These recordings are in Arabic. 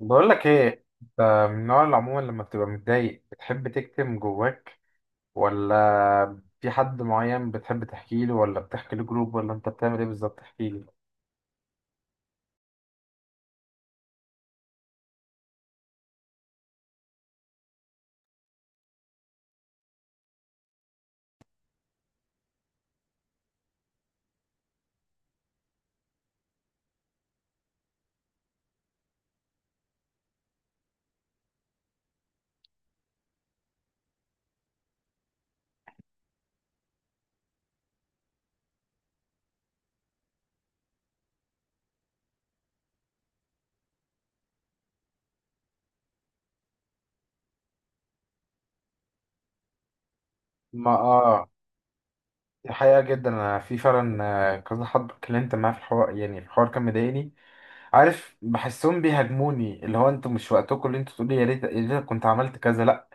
بقول لك ايه؟ انت من النوع اللي عموما لما بتبقى متضايق بتحب تكتم جواك، ولا في حد معين بتحب تحكي له، ولا بتحكي لجروب، ولا انت بتعمل ايه بالظبط؟ احكي لي. ما دي حقيقة جدا. انا في فعلا كذا حد اتكلمت معاه في الحوار، يعني الحوار كان مضايقني. عارف، بحسهم بيهاجموني، اللي هو انتوا مش وقتكم، اللي انتوا تقولي يا ريت يا ريت كنت عملت كذا. لا،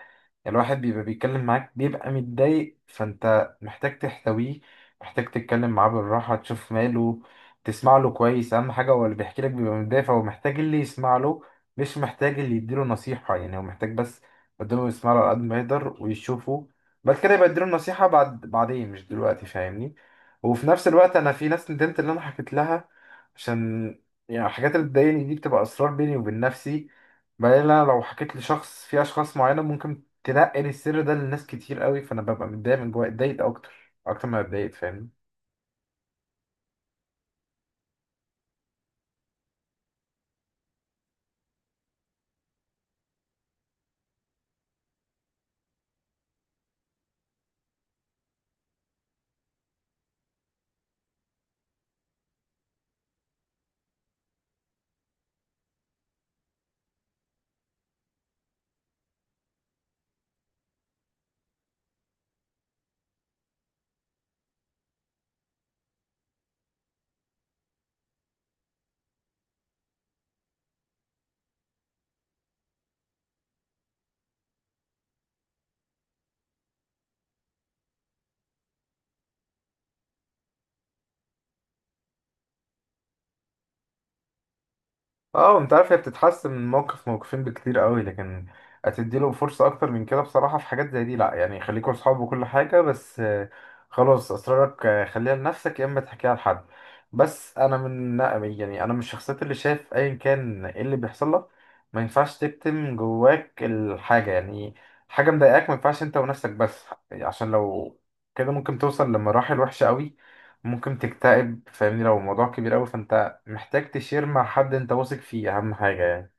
الواحد بيبقى بيتكلم معاك بيبقى متضايق، فانت محتاج تحتويه، محتاج تتكلم معاه بالراحة، تشوف ماله، تسمع له كويس. اهم حاجة، هو اللي بيحكي لك بيبقى متضايق، فهو محتاج اللي يسمع له، مش محتاج اللي يديله نصيحة. يعني هو محتاج بس قدامه يسمع له على قد ما يقدر ويشوفه. بعد كده يبقى يديله النصيحة بعد بعدين، مش دلوقتي، فاهمني؟ وفي نفس الوقت انا في ناس ندمت اللي انا حكيت لها، عشان يعني الحاجات اللي بتضايقني دي بتبقى اسرار بيني وبين نفسي. بعدين انا لو حكيت لشخص، في اشخاص معينه ممكن تنقل السر ده لناس كتير قوي، فانا ببقى متضايق من جوايا، اتضايق اكتر اكتر ما اتضايقت، فاهمني؟ اه، انت عارف، هي بتتحسن من موقف موقفين بكتير قوي، لكن هتديله فرصة اكتر من كده؟ بصراحة في حاجات زي دي لا، يعني خليكوا اصحاب وكل حاجة، بس خلاص اسرارك خليها لنفسك، يا اما تحكيها لحد. بس انا من يعني انا من الشخصيات اللي شايف ايا كان ايه اللي بيحصل لك، ما ينفعش تكتم جواك الحاجة. يعني حاجة مضايقاك ما ينفعش انت ونفسك بس، عشان لو كده ممكن توصل لمراحل وحشة قوي، ممكن تكتئب، فاهمني؟ لو الموضوع كبير قوي، فانت محتاج تشير مع حد انت واثق فيه، اهم حاجه يعني.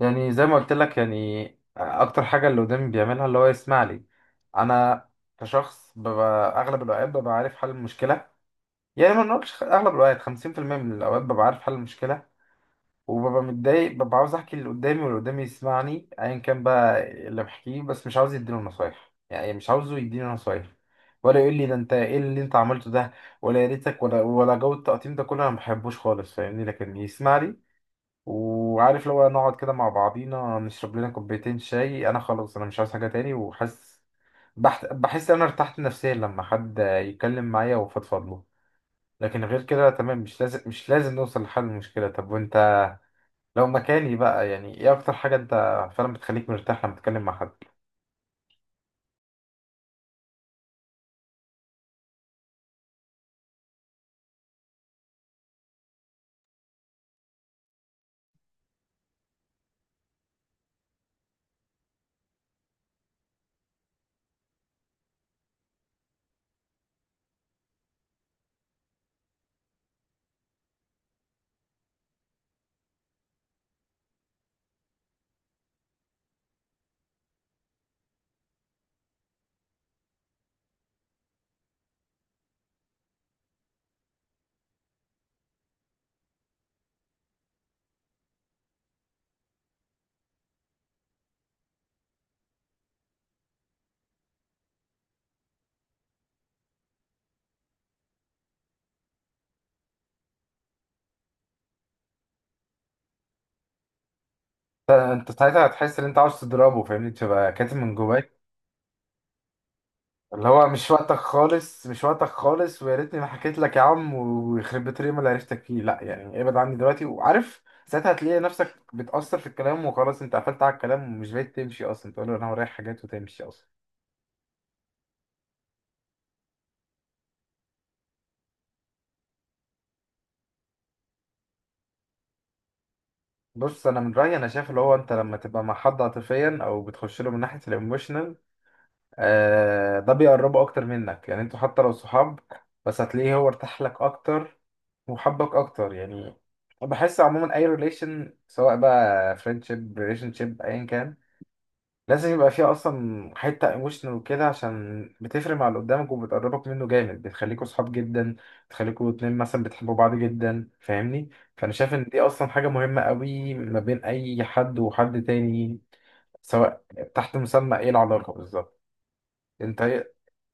يعني زي ما قلت لك، يعني اكتر حاجه اللي قدامي بيعملها اللي هو يسمع لي. انا كشخص ببقى اغلب الاوقات ببقى عارف حل المشكله، يعني ما نقولش اغلب الاوقات، 50% من الاوقات ببقى عارف حل المشكله، وببقى متضايق، ببقى عاوز احكي اللي قدامي، واللي قدامي يسمعني ايا كان بقى اللي بحكيه، بس مش عاوز يديني نصايح، يعني مش عاوزه يديني نصايح، ولا يقول لي ده انت ايه اللي انت عملته ده، ولا يا ريتك، ولا جو التقطيم ده كله انا ما بحبوش خالص، فاهمني؟ لكن يسمع لي، وعارف لو نقعد كده مع بعضينا نشرب لنا كوبايتين شاي، انا خلاص، انا مش عايز حاجة تاني، وحاسس، بحس انا ارتحت نفسيا لما حد يتكلم معايا وفضفض له. لكن غير كده تمام، مش لازم مش لازم نوصل لحل المشكلة. طب وانت لو مكاني بقى، يعني ايه اكتر حاجة انت فعلا بتخليك مرتاح لما تتكلم مع حد؟ انت ساعتها هتحس ان انت عاوز تضربه، فاهمني؟ تبقى كاتم من جواك، اللي هو مش وقتك خالص مش وقتك خالص، ويا ريتني ما حكيت لك يا عم، ويخرب بيت اليوم اللي عرفتك فيه، لا يعني ابعد عني دلوقتي. وعارف ساعتها هتلاقي نفسك بتأثر في الكلام، وخلاص انت قفلت على الكلام، ومش بقيت تمشي اصلا، تقول له انا ورايا حاجات وتمشي اصلا. بص، انا من رايي، انا شايف اللي هو انت لما تبقى مع حد عاطفيا، او بتخش له من ناحيه الايموشنال، ده بيقربه اكتر منك. يعني انتوا حتى لو صحاب، بس هتلاقيه هو ارتاح لك اكتر، وحبك اكتر يعني. بحس عموما اي ريليشن، سواء بقى فريندشيب، ريليشن شيب، ايا كان، لازم يبقى فيه اصلا حته ايموشنال وكده، عشان بتفرق مع اللي قدامك، وبتقربك منه جامد، بتخليكوا صحاب جدا، بتخليكوا اتنين مثلا بتحبوا بعض جدا، فاهمني؟ فانا شايف ان دي اصلا حاجه مهمه قوي ما بين اي حد وحد تاني، سواء تحت مسمى ايه العلاقه بالظبط. انت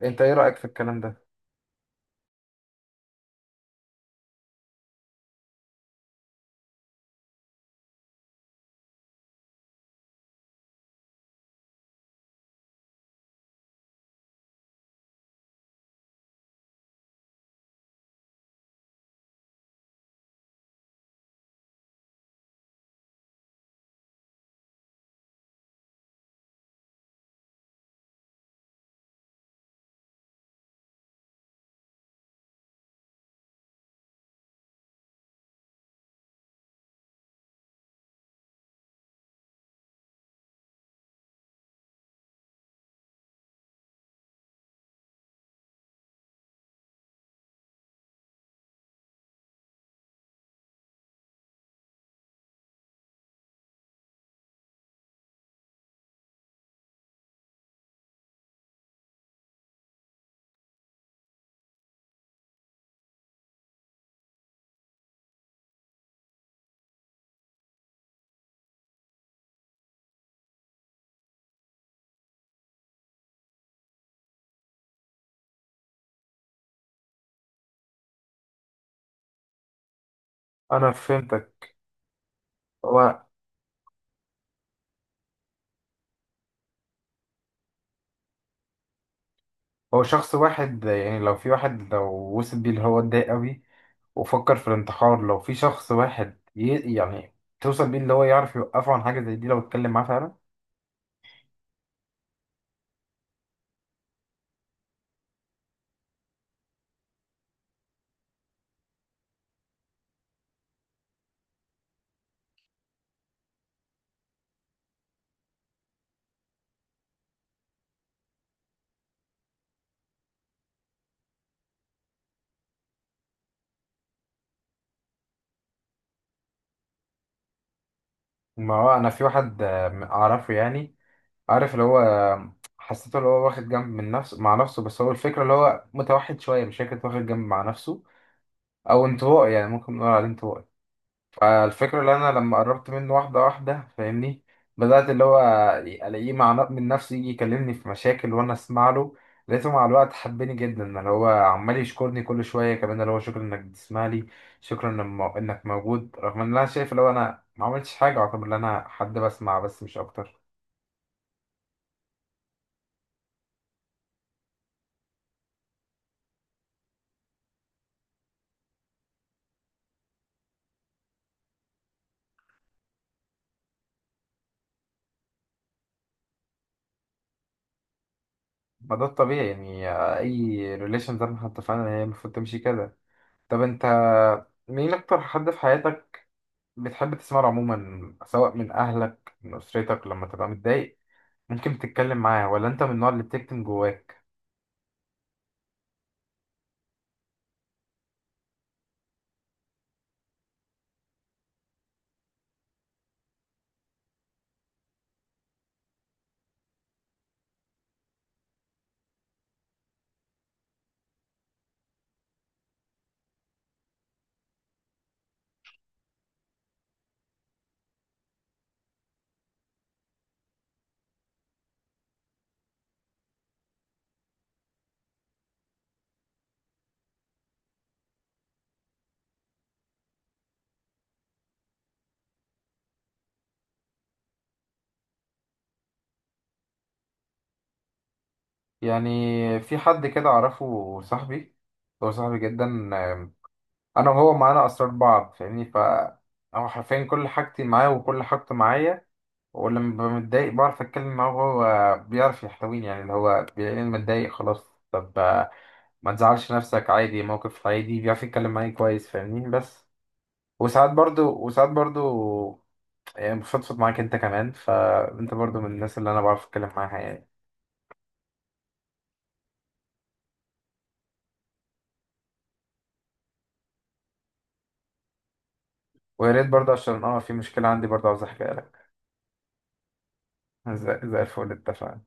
انت ايه رأيك في الكلام ده؟ انا فهمتك. هو هو شخص واحد يعني، لو في واحد لو وصل بيه اللي هو اتضايق قوي وفكر في الانتحار، لو في شخص واحد يعني توصل بيه اللي هو يعرف يوقفه عن حاجة زي دي لو اتكلم معاه، فعلا. ما هو انا في واحد اعرفه، يعني عارف اللي هو حسيته اللي هو واخد جنب من نفسه مع نفسه، بس هو الفكرة اللي هو متوحد شوية، مش فكرة واخد جنب مع نفسه، او انطوائي، يعني ممكن نقول عليه انطوائي. فالفكرة اللي أنا لما قربت منه واحدة واحدة فاهمني، بدأت اللي هو ألاقيه مع من نفسه يجي يكلمني في مشاكل، وأنا أسمع له. لقيته مع الوقت حبني جدا، اللي هو عمال يشكرني كل شوية، كمان اللي هو شكرا إنك بتسمع لي، شكرا إنك موجود، رغم إن أنا شايف اللي هو أنا ما عملتش حاجة، أعتبر إن أنا حد بسمع بس، مش أكتر. ما ده الطبيعي يعني، أي ريليشن زي ما احنا اتفقنا إن هي المفروض تمشي كده. طب أنت مين أكتر حد في حياتك بتحب تسمعه عموما، سواء من أهلك، من أسرتك، لما تبقى متضايق ممكن تتكلم معاه، ولا أنت من النوع اللي بتكتم جواك؟ يعني في حد كده أعرفه، صاحبي، هو صاحبي جدا، أنا وهو معانا أسرار بعض فاهمني. هو حرفيا كل حاجتي معاه وكل حاجته معايا، ولما ببقى متضايق بعرف أتكلم معاه، وهو بيعرف يحتويني. يعني اللي هو بيلاقيني متضايق، خلاص، طب ما تزعلش نفسك، عادي، موقف عادي. بيعرف يتكلم معايا كويس فاهمني. بس وساعات برضو يعني بفضفض معاك انت كمان، فانت برضو من الناس اللي انا بعرف اتكلم معاها يعني. ويا ريت برضو، عشان في مشكلة عندي برضو عاوز احكيها لك. زي الفل، اتفقنا.